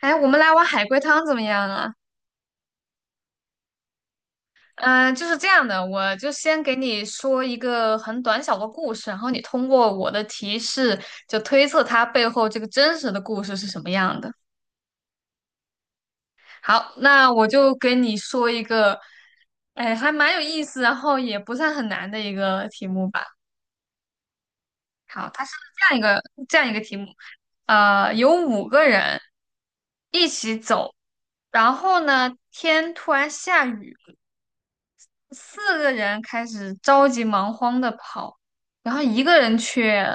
哎，我们来碗海龟汤怎么样啊？嗯、就是这样的，我就先给你说一个很短小的故事，然后你通过我的提示，就推测它背后这个真实的故事是什么样的。好，那我就给你说一个，哎，还蛮有意思，然后也不算很难的一个题目吧。好，它是这样一个这样一个题目，有五个人一起走，然后呢，天突然下雨。四个人开始着急忙慌的跑，然后一个人却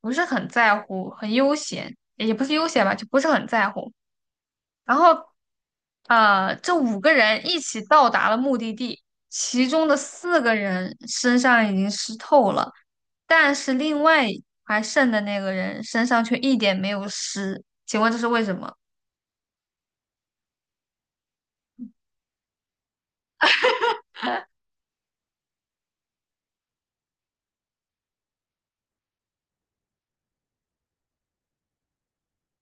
不是很在乎，很悠闲，也不是悠闲吧，就不是很在乎。然后，这五个人一起到达了目的地，其中的四个人身上已经湿透了，但是另外还剩的那个人身上却一点没有湿，请问这是为什么？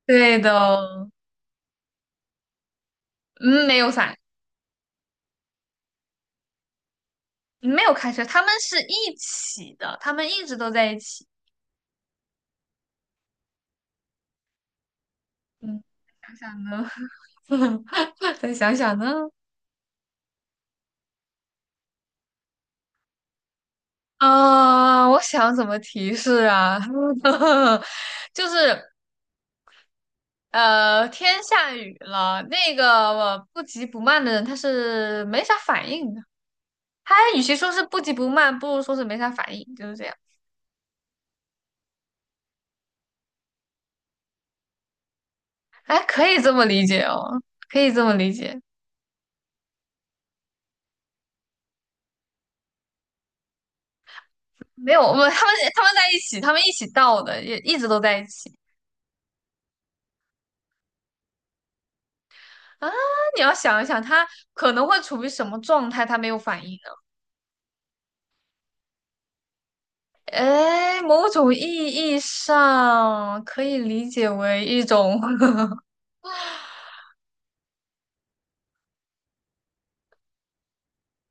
对的，嗯，没有伞，没有开车，他们是一起的，他们一直都在一起。嗯，想想呢，再想想呢，啊，我想怎么提示啊？就是天下雨了，那个不急不慢的人他是没啥反应的。他与其说是不急不慢，不如说是没啥反应，就是这样。哎，可以这么理解哦，可以这么理解。没有，我们 他们在一起，他们一起到的，也一直都在一起啊。你要想一想，他可能会处于什么状态，他没有反应。哎，某种意义上可以理解为一种，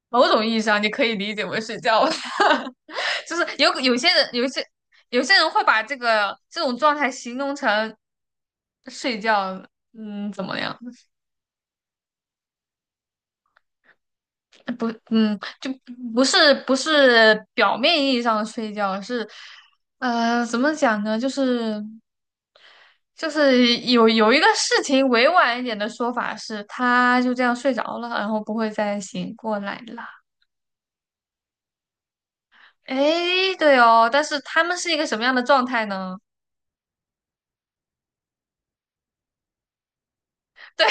某种意义上你可以理解为睡觉，就是有些人，有一些有些人会把这个这种状态形容成睡觉，嗯，怎么样？不，嗯，就不是表面意义上的睡觉，是怎么讲呢？就是。就是有一个事情，委婉一点的说法是，他就这样睡着了，然后不会再醒过来了。哎，对哦，但是他们是一个什么样的状态呢？对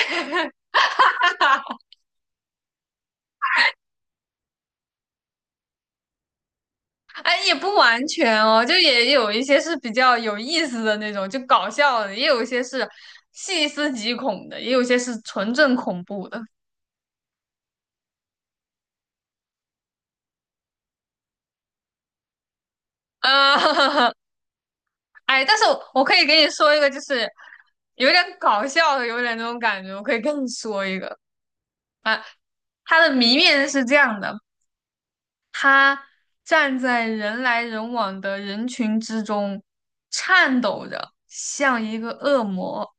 啊，哎，也不完全哦，就也有一些是比较有意思的那种，就搞笑的，也有一些是细思极恐的，也有一些是纯正恐怖的。啊、哎，但是我可以给你说一个，就是有点搞笑的，有点那种感觉，我可以跟你说一个。啊，他的谜面是这样的：他站在人来人往的人群之中，颤抖着，像一个恶魔。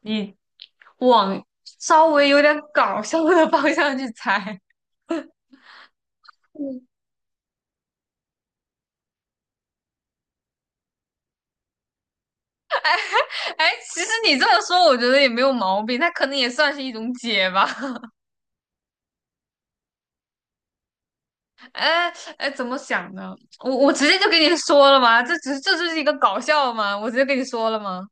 你往稍微有点搞笑的方向去猜。嗯 哎，其实你这么说，我觉得也没有毛病，他可能也算是一种解吧。哎哎，怎么想的？我直接就跟你说了嘛，这只是这就是一个搞笑嘛，我直接跟你说了嘛。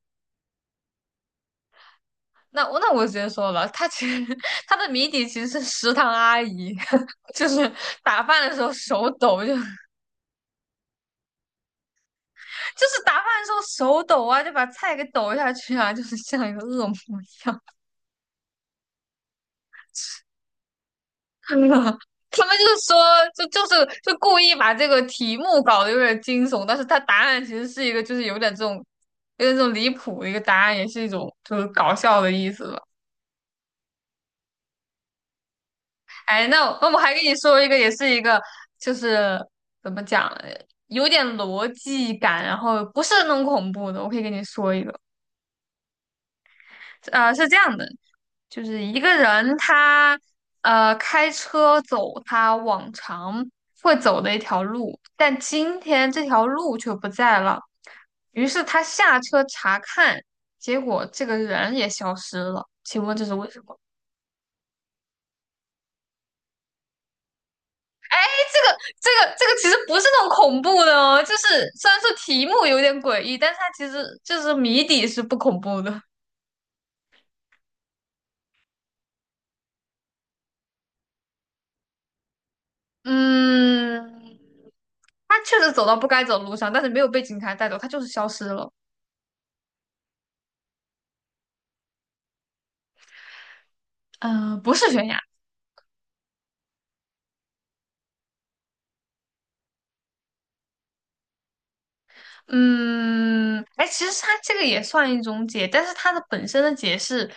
那我直接说了，他其实 他的谜底其实是食堂阿姨，就是打饭的时候手抖，就是打饭的时候手抖啊，就把菜给抖下去啊，就是像一个恶魔一样。他们就是说，就故意把这个题目搞得有点惊悚，但是他答案其实是一个就是有点这种离谱的一个答案，也是一种就是搞笑的意思吧。哎，那我还跟你说一个，也是一个，就是怎么讲，有点逻辑感，然后不是那种恐怖的。我可以跟你说一个，是这样的，就是一个人他开车走他往常会走的一条路，但今天这条路却不在了，于是他下车查看，结果这个人也消失了。请问这是为什么？这个其实不是那种恐怖的哦，就是虽然说题目有点诡异，但是它其实就是谜底是不恐怖的。嗯，他确实走到不该走的路上，但是没有被警察带走，他就是消失了。嗯、不是悬崖。嗯，哎，其实它这个也算一种解，但是它的本身的解释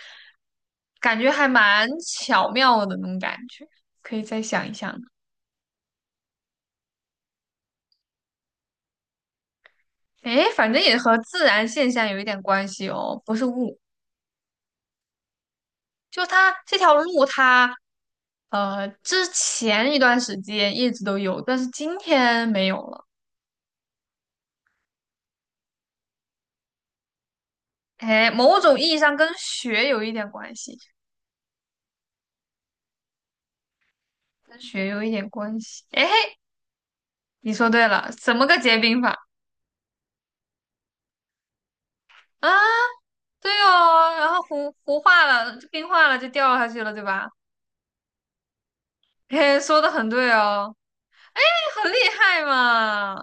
感觉还蛮巧妙的那种感觉，可以再想一想。哎，反正也和自然现象有一点关系哦，不是物就它这条路它，之前一段时间一直都有，但是今天没有了。哎，某种意义上跟雪有一点关系，跟雪有一点关系。哎，你说对了，怎么个结冰法啊？对哦，然后糊糊化了，就冰化了就掉下去了，对吧？嘿，说的很对哦，你很厉害嘛。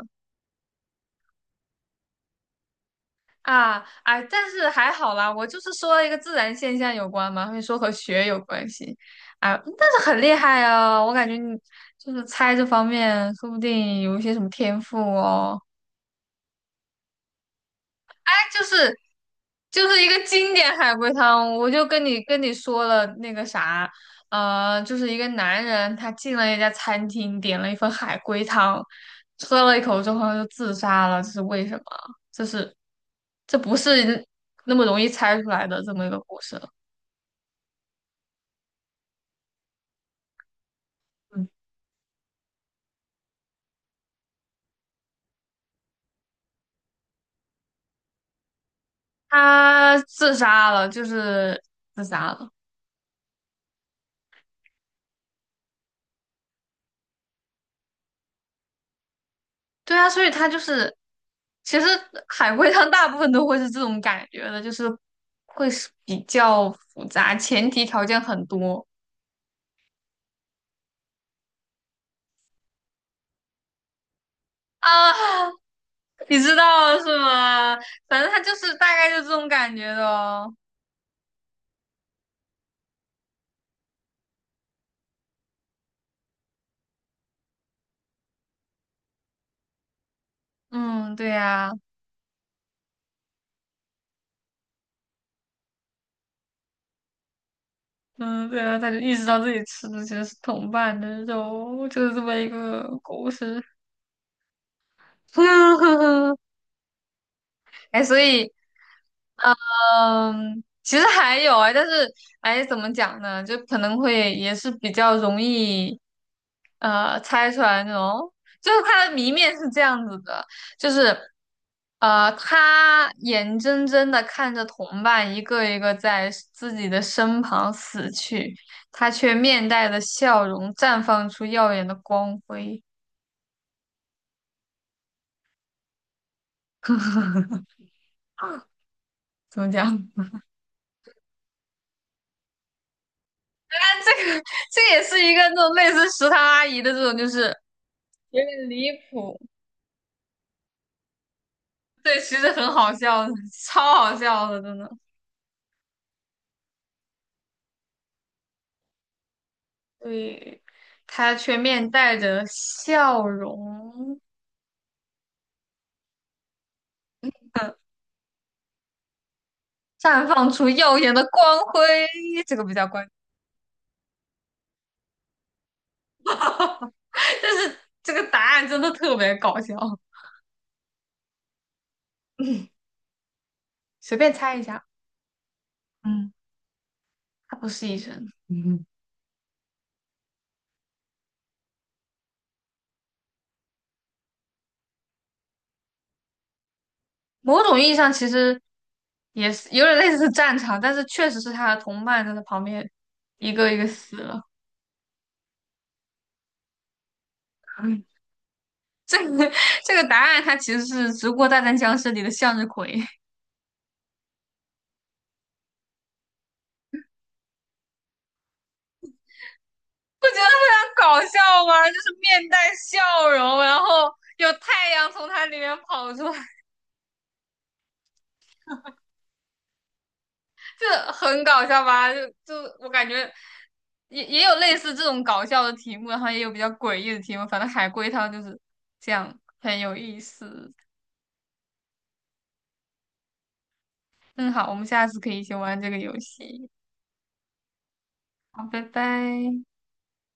啊，哎，但是还好啦，我就是说了一个自然现象有关嘛，会说和学有关系，啊，但是很厉害啊，我感觉你就是猜这方面，说不定有一些什么天赋哦。就是就是一个经典海龟汤，我就跟你说了那个啥，就是一个男人他进了一家餐厅，点了一份海龟汤，喝了一口之后他就自杀了，这是为什么？这是这不是那么容易猜出来的这么一个故事，嗯，他自杀了，就是自杀了。对啊，所以他就是，其实海龟汤大部分都会是这种感觉的，就是会是比较复杂，前提条件很多啊，你知道是吗？反正他就是大概就这种感觉的哦。嗯，对呀，嗯，对啊，他就意识到自己吃的其实是同伴的肉，就是这么一个故事。哎，所以。嗯，其实还有啊，但是哎，怎么讲呢？就可能会也是比较容易，猜出来那种。就是它的谜面是这样子的，就是他眼睁睁的看着同伴一个一个在自己的身旁死去，他却面带着笑容，绽放出耀眼的光辉。怎么讲？这个这也是一个那种类似食堂阿姨的这种，就是有点离谱。对，其实很好笑的，超好笑的，真的。对，他却面带着笑容，绽放出耀眼的光辉，这个比较关键但是这个答案真的特别搞笑，随便猜一下。嗯，他不是医生。嗯，某种意义上，其实也是有点类似战场，但是确实是他的同伴在他旁边一个一个死了。嗯 这个答案它其实是《植物大战僵尸》里的向日葵。不觉得非常搞笑吗？就是面带笑容，然后有太阳从它里面跑出来，就很搞笑吧？就就我感觉也也有类似这种搞笑的题目，然后也有比较诡异的题目，反正海龟汤就是这样，很有意思。嗯，好，我们下次可以一起玩这个游戏。好，拜拜。